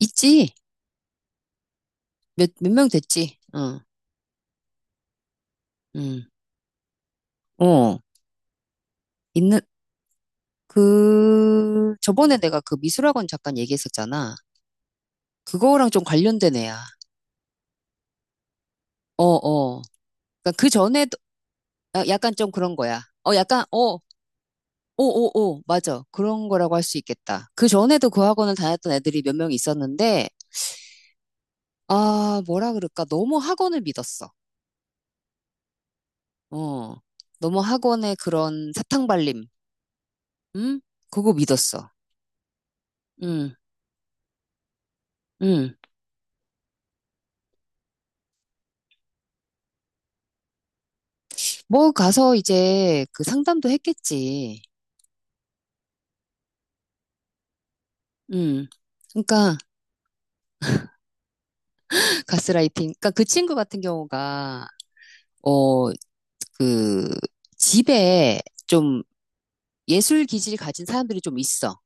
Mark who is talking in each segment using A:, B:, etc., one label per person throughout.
A: 있지. 몇 명 됐지. 응, 응, 어. 있는, 그, 저번에 내가 그 미술학원 잠깐 얘기했었잖아. 그거랑 좀 관련된 애야. 어, 어. 그러니까 그 전에도, 아, 약간 좀 그런 거야. 어, 약간, 어, 오, 오, 오, 맞아. 그런 거라고 할 수 있겠다. 그 전에도 그 학원을 다녔던 애들이 몇 명 있었는데, 아, 뭐라 그럴까. 너무 학원을 믿었어. 어. 너무 학원의 그런 사탕발림, 응? 그거 믿었어. 응, 응. 뭐 가서 이제 그 상담도 했겠지. 음. 그러니까 가스라이팅. 그러니까 그 친구 같은 경우가 어, 그 집에 좀 예술 기질 가진 사람들이 좀 있어.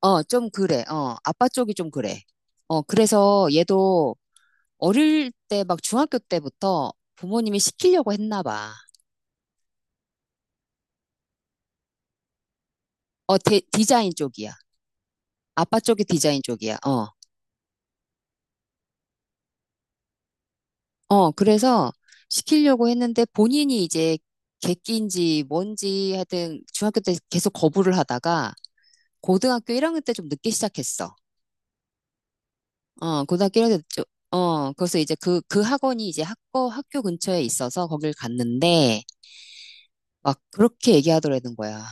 A: 어, 좀 그래. 어, 아빠 쪽이 좀 그래. 어, 그래서 얘도 어릴 때 막 중학교 때부터 부모님이 시키려고 했나 봐. 어, 디자인 쪽이야. 아빠 쪽이 디자인 쪽이야. 어. 어, 그래서 시키려고 했는데 본인이 이제 객기인지 뭔지 하여튼 중학교 때 계속 거부를 하다가 고등학교 1학년 때 좀 늦게 시작했어. 어, 고등학교 1학년 때, 어, 그래서 이제 그, 그 학원이 이제 학교, 학교 근처에 있어서 거길 갔는데 막 그렇게 얘기하더라는 거야.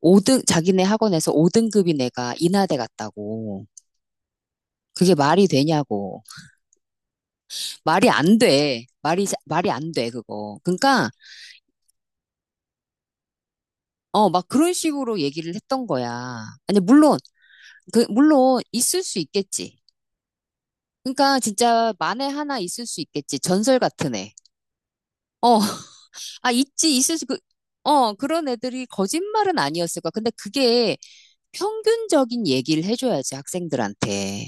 A: 오등 자기네 학원에서 5등급인 애가 인하대 갔다고. 그게 말이 되냐고. 말이 안 돼. 말이 안 돼, 그거. 그러니까 어, 막 그런 식으로 얘기를 했던 거야. 아니, 물론, 그, 물론, 있을 수 있겠지. 그러니까 진짜 만에 하나 있을 수 있겠지. 전설 같은 애. 어, 아, 있지, 있을 수, 그, 어, 그런 애들이 거짓말은 아니었을 거야. 근데 그게 평균적인 얘기를 해줘야지, 학생들한테.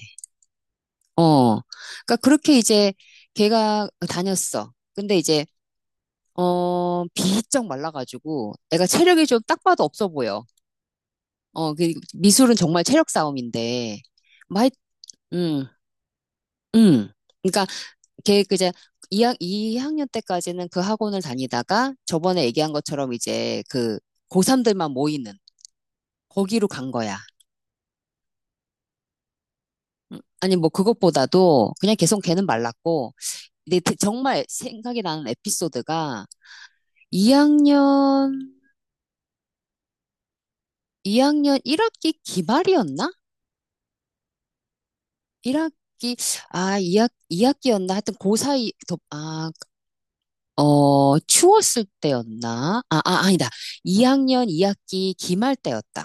A: 어, 그러니까 그렇게 이제 걔가 다녔어. 근데 이제, 어, 비쩍 말라가지고 애가 체력이 좀 딱 봐도 없어 보여. 어, 그 미술은 정말 체력 싸움인데. 뭐 음, 음. 그러니까 걔 그제 이학년 때까지는 그 학원을 다니다가 저번에 얘기한 것처럼 이제 그 고3들만 모이는 거기로 간 거야. 아니 뭐 그것보다도 그냥 계속 걔는 말랐고 근데 정말 생각이 나는 에피소드가 2학년 이학년 1학기 기말이었나? 1학기 아 2학 2학기였나? 하여튼 고 사이 아 어, 추웠을 때였나? 아, 아, 아니다. 2학년 2학기 기말 때였다.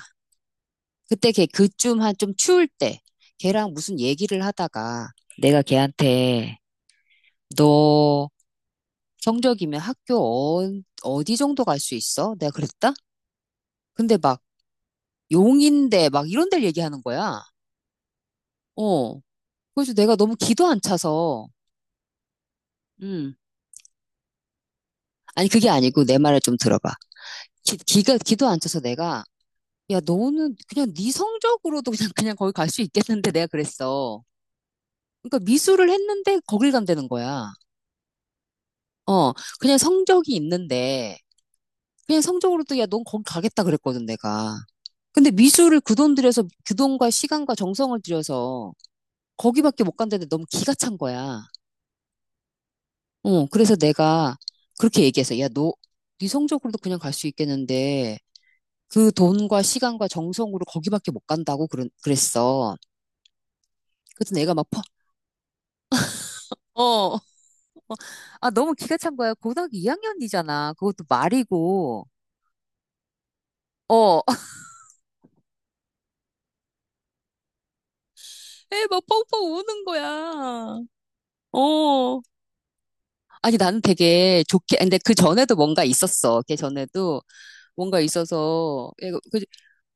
A: 그때 걔 그쯤 한 좀 추울 때 걔랑 무슨 얘기를 하다가 내가 걔한테 너 성적이면 학교 어, 어디 정도 갈 수 있어? 내가 그랬다? 근데 막 용인대 막 이런 데를 얘기하는 거야. 어. 그래서 내가 너무 기도 안 차서 음. 아니 그게 아니고 내 말을 좀 들어봐. 기, 기가 기도 안 차서 내가 야, 너는 그냥 네 성적으로도 그냥 그냥 거기 갈 수 있겠는데 내가 그랬어. 그러니까 미술을 했는데 거길 간다는 거야. 어, 그냥 성적이 있는데 그냥 성적으로도 야, 넌 거기 가겠다 그랬거든 내가. 근데 미술을 그 돈 들여서 그 돈과 시간과 정성을 들여서 거기밖에 못 간다는데 너무 기가 찬 거야. 어, 그래서 내가 그렇게 얘기해서 야, 너 네 성적으로도 그냥 갈 수 있겠는데 그 돈과 시간과 정성으로 거기밖에 못 간다고 그랬어. 그래서 내가 막 어, 아, 너무 기가 찬 거야. 고등학교 2학년이잖아. 그것도 말이고. 어. 에, 막 펑펑 우는 거야. 어, 아니, 나는 되게 좋게, 근데 그 전에도 뭔가 있었어. 걔 전에도 뭔가 있어서, 얘가, 그,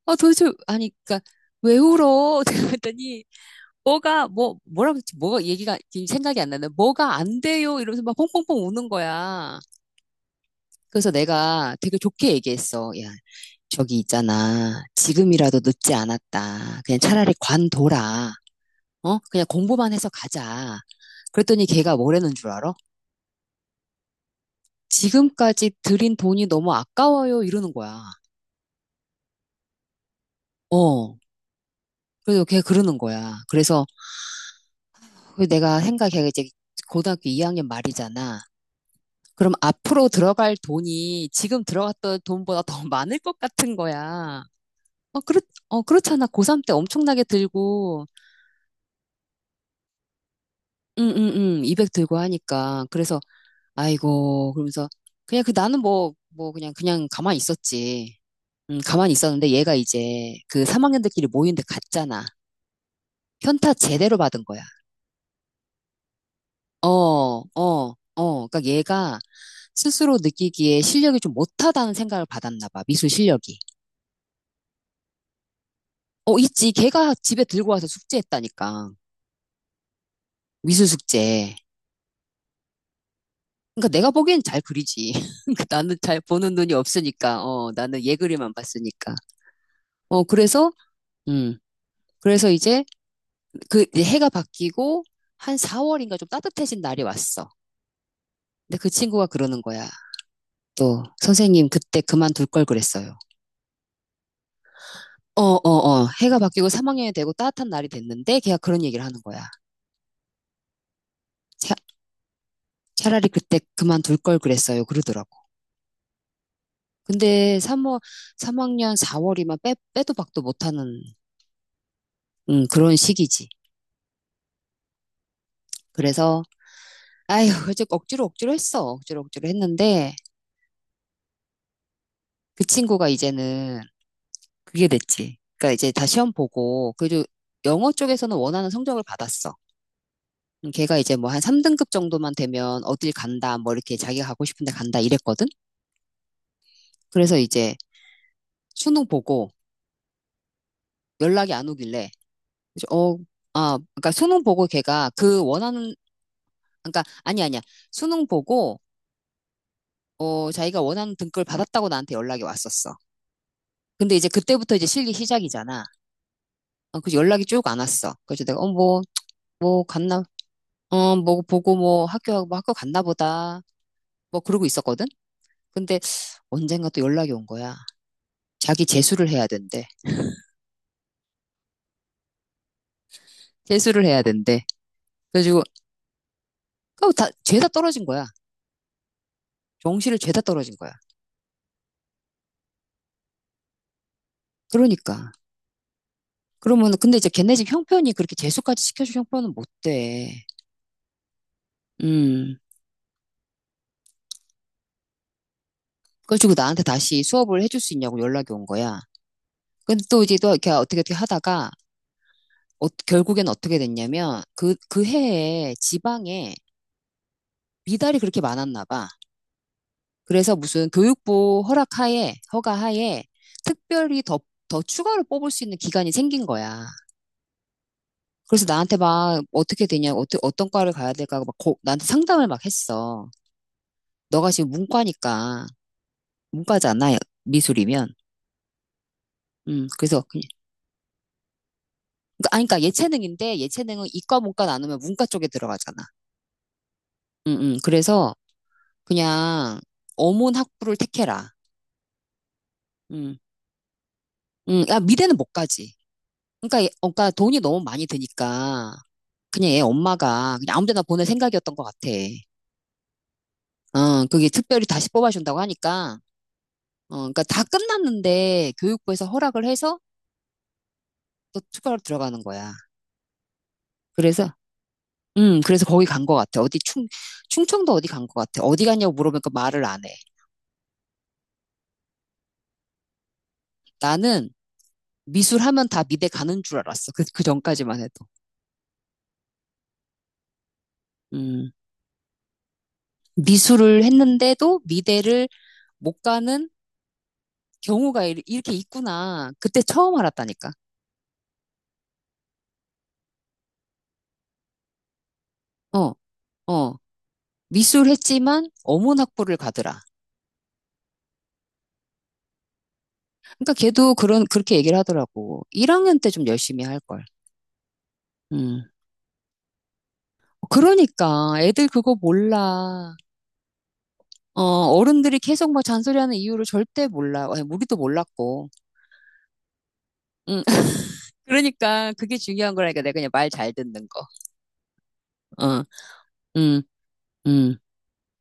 A: 아, 도대체, 아니, 그니까, 왜 울어? 그랬더니, 뭐라고 했지? 뭐가 얘기가, 지금 생각이 안 나네. 뭐가 안 돼요? 이러면서 막 펑펑펑 우는 거야. 그래서 내가 되게 좋게 얘기했어. 야, 저기 있잖아. 지금이라도 늦지 않았다. 그냥 차라리 관둬라. 어? 그냥 공부만 해서 가자. 그랬더니 걔가 뭐라는 줄 알아? 지금까지 들인 돈이 너무 아까워요. 이러는 거야. 어. 그래서 걔 그러는 거야. 그래서 그 내가 생각해. 이제 고등학교 2학년 말이잖아. 그럼 앞으로 들어갈 돈이 지금 들어갔던 돈보다 더 많을 것 같은 거야. 어, 어, 그렇잖아. 고3 때 엄청나게 들고, 응, 응, 응, 200 들고 하니까. 그래서 아이고, 그러면서 그냥 그 나는 뭐, 뭐 그냥 그냥 가만히 있었지. 가만히 있었는데 얘가 이제 그 3학년들끼리 모이는데 갔잖아. 현타 제대로 받은 거야. 어, 어, 어. 그러니까 얘가 스스로 느끼기에 실력이 좀 못하다는 생각을 받았나 봐. 미술 실력이. 어, 있지. 걔가 집에 들고 와서 숙제했다니까. 미술 숙제. 그러니까 내가 보기엔 잘 그리지. 그러니까 나는 잘 보는 눈이 없으니까. 어, 나는 얘 그림만 봤으니까. 어, 그래서 음. 그래서 이제 그 이제 해가 바뀌고 한 4월인가 좀 따뜻해진 날이 왔어. 근데 그 친구가 그러는 거야. 또 선생님 그때 그만둘 걸 그랬어요. 어, 어, 어. 해가 바뀌고 3학년이 되고 따뜻한 날이 됐는데 걔가 그런 얘기를 하는 거야. 차, 차라리 그때 그만둘 걸 그랬어요. 그러더라고. 근데 3월, 학년 4월이면 빼도 박도 못하는 그런 시기지. 그래서 아휴, 이제 억지로 억지로 했어. 억지로 억지로 했는데 그 친구가 이제는 그게 됐지. 그러니까 이제 다 시험 보고, 그래도 영어 쪽에서는 원하는 성적을 받았어. 걔가 이제 뭐 한 3등급 정도만 되면 어딜 간다, 뭐 이렇게 자기가 가고 싶은데 간다 이랬거든? 그래서 이제 수능 보고 연락이 안 오길래, 그래서 어, 아, 그러니까 수능 보고 걔가 그 원하는, 그러니까 아니 아니야. 수능 보고, 어, 자기가 원하는 등급을 받았다고 나한테 연락이 왔었어. 근데 이제 그때부터 이제 실기 시작이잖아. 어, 그래서 연락이 쭉 안 왔어. 그래서 내가, 어, 뭐, 갔나? 어, 뭐 보고 뭐 학교 학교 갔나 보다. 뭐 그러고 있었거든. 근데 언젠가 또 연락이 온 거야. 자기 재수를 해야 된대. 재수를 해야 된대. 그래가지고 그거 다 죄다 떨어진 거야. 정시를 죄다 떨어진 거야. 그러니까. 그러면 근데 이제 걔네 집 형편이 그렇게 재수까지 시켜줄 형편은 못 돼. 음. 그래가지고 나한테 다시 수업을 해줄 수 있냐고 연락이 온 거야. 근데 또 이제 또 이렇게 어떻게 어떻게 하다가 어, 결국엔 어떻게 됐냐면 그 그 해에 지방에 미달이 그렇게 많았나 봐. 그래서 무슨 교육부 허락하에, 허가하에 특별히 더 추가로 뽑을 수 있는 기간이 생긴 거야. 그래서 나한테 막 어떻게 되냐, 어떻게, 어떤 과를 가야 될까, 막 나한테 상담을 막 했어. 너가 지금 문과니까, 문과잖아, 미술이면. 그래서, 그냥, 아니, 그러니까 예체능인데, 예체능은 이과, 문과 나누면 문과 쪽에 들어가잖아. 그래서 그냥 어문 학부를 택해라. 음, 야, 미대는 못 가지. 그러니까, 어, 그러니까 돈이 너무 많이 드니까 그냥 얘 엄마가 그냥 아무 데나 보낼 생각이었던 것 같아. 어, 그게 특별히 다시 뽑아준다고 하니까, 어, 그러니까 다 끝났는데 교육부에서 허락을 해서 또 투표로 들어가는 거야. 그래서, 그래서 거기 간 것 같아. 어디 충, 충청도 어디 간 것 같아. 어디 갔냐고 물어보니까 말을 안 해. 나는 미술 하면 다 미대 가는 줄 알았어. 그, 그 전까지만 해도. 음, 미술을 했는데도 미대를 못 가는 경우가 이렇게 있구나. 그때 처음 알았다니까. 어, 어. 미술 했지만 어문 학부를 가더라. 그러니까 걔도 그런 그렇게 얘기를 하더라고. 1학년 때 좀 열심히 할 걸. 음. 그러니까 애들 그거 몰라. 어, 어른들이 계속 막 잔소리하는 이유를 절대 몰라. 아니, 우리도 몰랐고. 음. 그러니까 그게 중요한 거라니까 내가 그냥 말 잘 듣는 거. 어. 음. 음.